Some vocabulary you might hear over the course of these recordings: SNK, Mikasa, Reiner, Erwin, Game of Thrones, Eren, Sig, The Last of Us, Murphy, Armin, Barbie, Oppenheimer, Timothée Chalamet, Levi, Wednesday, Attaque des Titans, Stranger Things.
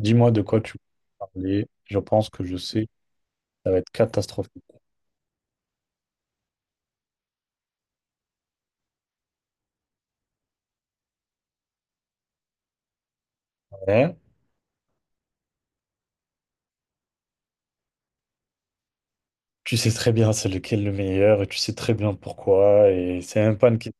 Dis-moi de quoi tu veux parler. Je pense que je sais, ça va être catastrophique. Ouais. Tu sais très bien c'est lequel le meilleur et tu sais très bien pourquoi. Et c'est même pas une question,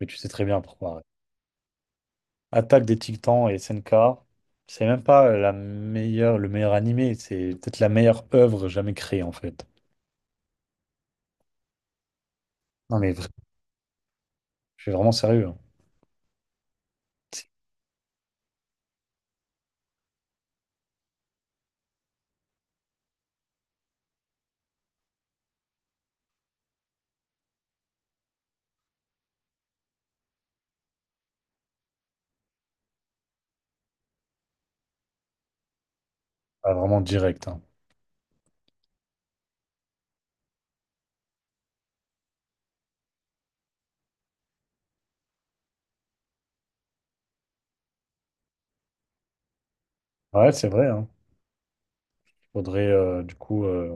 mais tu sais très bien pourquoi. Ouais. Attaque des Titans et SNK, c'est même pas la meilleure, le meilleur animé, c'est peut-être la meilleure œuvre jamais créée en fait. Non mais je suis vraiment sérieux. Hein. C'est pas vraiment direct. Hein. Ouais, c'est vrai. Hein. Faudrait, du coup,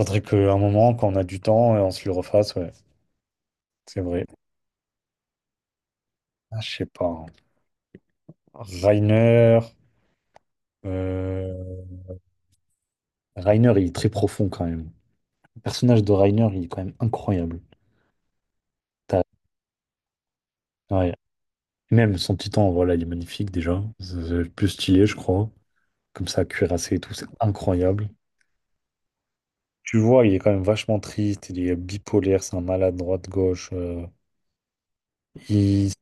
faudrait qu'à un moment, quand on a du temps, on se le refasse. Ouais, c'est vrai. Ah, je sais pas. Hein. Reiner. euh, Reiner, il est très profond quand même. Le personnage de Reiner, il est quand même incroyable. T'as- ouais. Même son titan, voilà, il est magnifique déjà. C'est le plus stylé, je crois. Comme ça, cuirassé et tout, c'est incroyable. Tu vois, il est quand même vachement triste, il est bipolaire, c'est un malade droite-gauche. Il,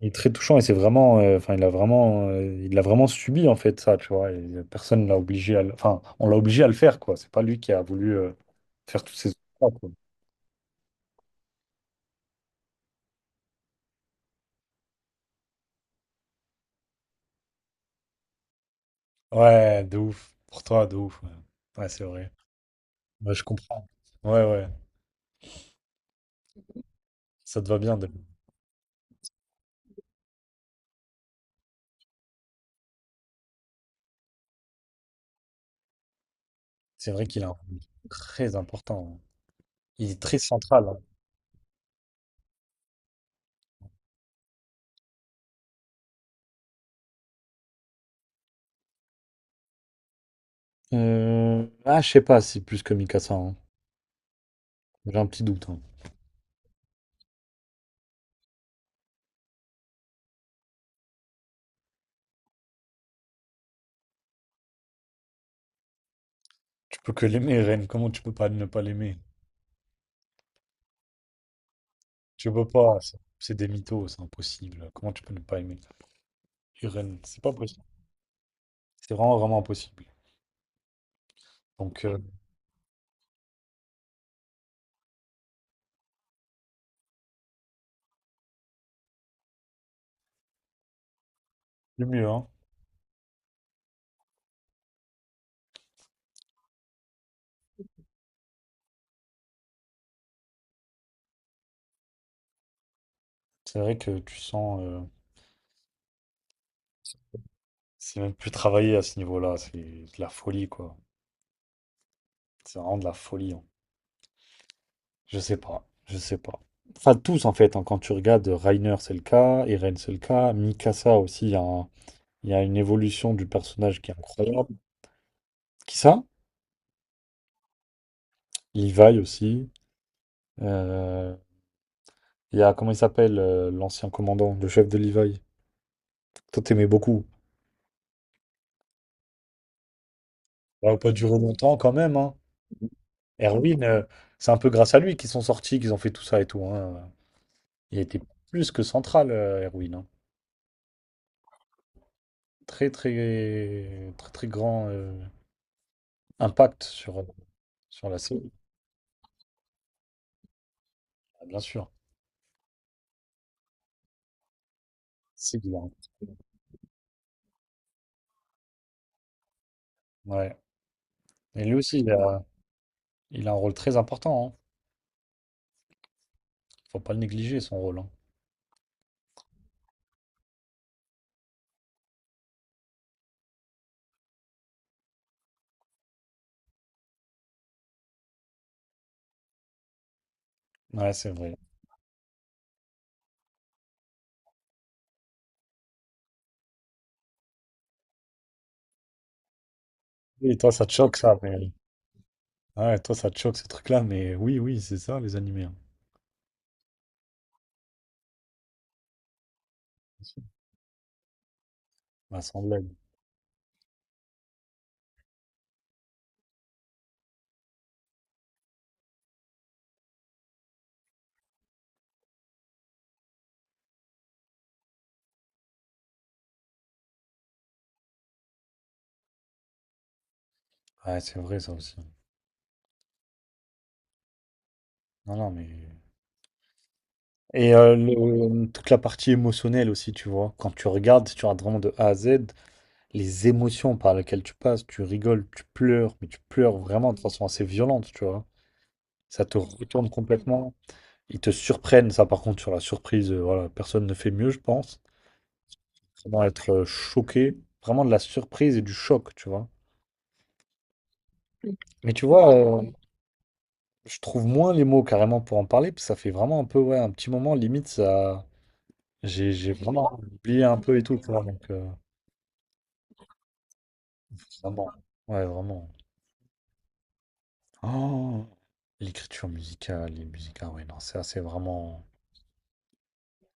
il est très touchant et c'est vraiment, enfin, il a vraiment subi en fait ça, tu vois. Et personne l'a obligé à, enfin, on l'a obligé à le faire quoi. C'est pas lui qui a voulu faire toutes ces choses. Ouais, de ouf. Pour toi, de ouf. Ouais, ouais, c'est vrai. Ouais, je comprends. Ouais, ouais. Ça te va bien, Deb. C'est vrai qu'il est très important. Hein. Il est très central. Hein. Ah, je sais pas si plus que Mikasa. Hein. J'ai un petit doute. Hein. Tu peux que l'aimer, Ren. Comment tu peux pas ne pas l'aimer? Tu peux pas. C'est des mythos, c'est impossible. Comment tu peux ne pas aimer Et Ren? C'est pas possible. C'est vraiment, vraiment impossible. Donc, le mieux, hein. C'est vrai que tu sens. C'est même plus travaillé à ce niveau-là. C'est de la folie, quoi. C'est vraiment de la folie. Hein. Je sais pas, je sais pas. Enfin, tous en fait, hein, quand tu regardes Reiner, c'est le cas, Eren, c'est le cas, Mikasa aussi, il y a une évolution du personnage qui est incroyable. Qui ça? Levi aussi. Euh, Il y a, comment il s'appelle, l'ancien commandant, le chef de Levi. Toi, t'aimais beaucoup. Ça va pas durer longtemps quand même, hein. Erwin, c'est un peu grâce à lui qu'ils sont sortis, qu'ils ont fait tout ça et tout, hein. Il était plus que central, Erwin, hein. Très, très, très, très grand impact sur la série. Ah, bien sûr. C'est qu'il a un- Ouais. Et lui aussi, il a un rôle très important. Hein. Faut pas le négliger, son rôle. Hein. Ouais, c'est vrai. Et toi, ça te choque, ça. Mais... Ouais, toi, ça te choque, ces trucs-là. Mais oui, oui, c'est ça, les animés. Hein. Bah, sans blague. Ouais, c'est vrai, ça aussi. Non, non, mais. Et toute la partie émotionnelle aussi, tu vois. Quand tu regardes vraiment de A à Z, les émotions par lesquelles tu passes, tu rigoles, tu pleures, mais tu pleures vraiment de façon assez violente, tu vois. Ça te retourne complètement. Ils te surprennent, ça par contre, sur la surprise, voilà, personne ne fait mieux, je pense. Vraiment être choqué, vraiment de la surprise et du choc, tu vois. Mais tu vois, je trouve moins les mots carrément pour en parler, parce que ça fait vraiment un peu, ouais, un petit moment, limite, ça... J'ai vraiment oublié un peu et tout, tu vois, donc... vraiment. Ouais, vraiment. Oh, l'écriture musicale, les musiques, ah ouais, non, ça, c'est vraiment...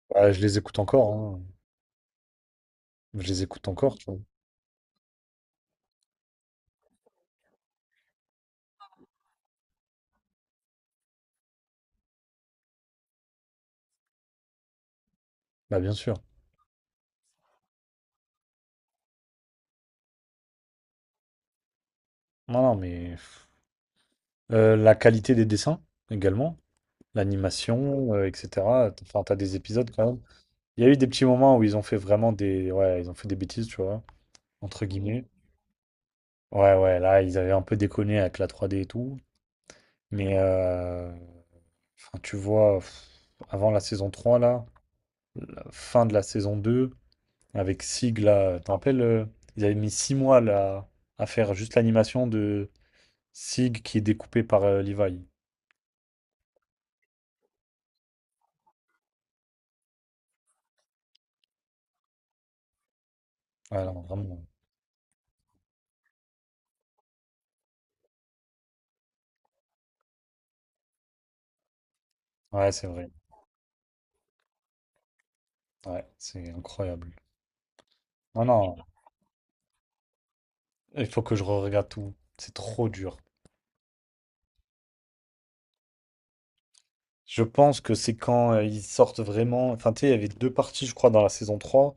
Ouais, je les écoute encore, hein. Je les écoute encore, tu vois. Bah, bien sûr. Non, non, mais... la qualité des dessins, également. L'animation, etc. Enfin, t'as des épisodes quand même. Il y a eu des petits moments où ils ont fait vraiment des... Ouais, ils ont fait des bêtises, tu vois, entre guillemets. Ouais, ouais, là, ils avaient un peu déconné avec la 3D et tout. Mais, enfin, tu vois, pff, avant la saison 3 là, la fin de la saison 2 avec Sig, là, tu te rappelles, ils avaient mis 6 mois, là, à faire juste l'animation de Sig qui est découpé par Levi. Ouais, non, vraiment. Ouais, c'est vrai. Ouais, c'est incroyable. Non, non. Il faut que je re-regarde tout. C'est trop dur. Je pense que c'est quand ils sortent vraiment. Enfin, tu sais, il y avait 2 parties, je crois, dans la saison 3.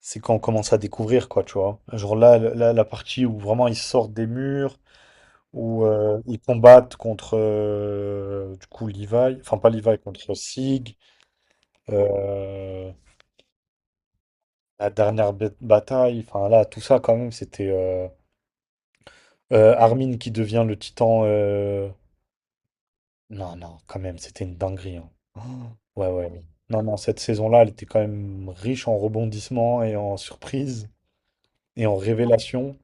C'est quand on commence à découvrir, quoi, tu vois. Genre là, là, la partie où vraiment ils sortent des murs, où ils combattent contre, du coup, Levi. Enfin, pas Levi, contre Sig. euh, la dernière bataille. Enfin, là, tout ça, quand même, c'était Armin qui devient le titan. Non, non, quand même, c'était une dinguerie. Hein. Oh, ouais, ouais. Non, non, cette saison-là, elle était quand même riche en rebondissements et en surprises et en révélations.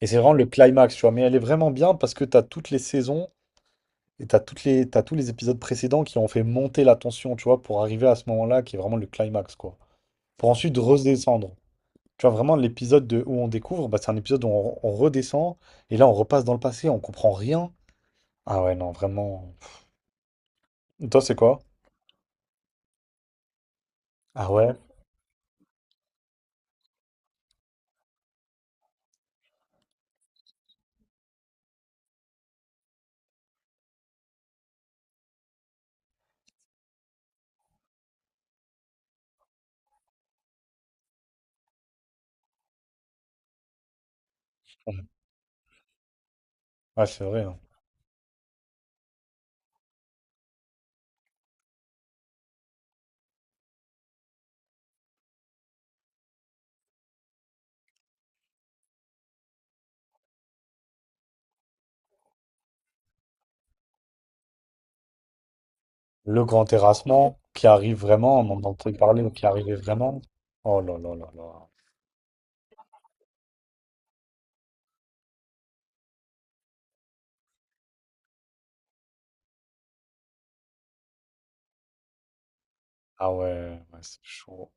Et c'est vraiment le climax, tu vois. Mais elle est vraiment bien parce que t'as toutes les saisons et t'as toutes les, t'as tous les épisodes précédents qui ont fait monter la tension, tu vois, pour arriver à ce moment-là qui est vraiment le climax, quoi. Pour ensuite redescendre. Tu vois, vraiment, l'épisode de- où on découvre, bah, c'est un épisode où on, redescend et là, on repasse dans le passé, on comprend rien. Ah ouais, non, vraiment. Toi, c'est quoi? Ah ouais? Ouais, c'est vrai. Hein. Le grand terrassement qui arrive vraiment, on en entend parler, mais qui arrivait vraiment. Oh là là là là. Ah ouais, ouais, c'est chaud.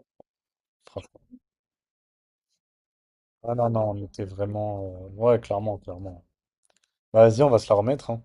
Franchement. Ah non, non, on était vraiment. Ouais, clairement, clairement. Bah, vas-y, on va se la remettre, hein.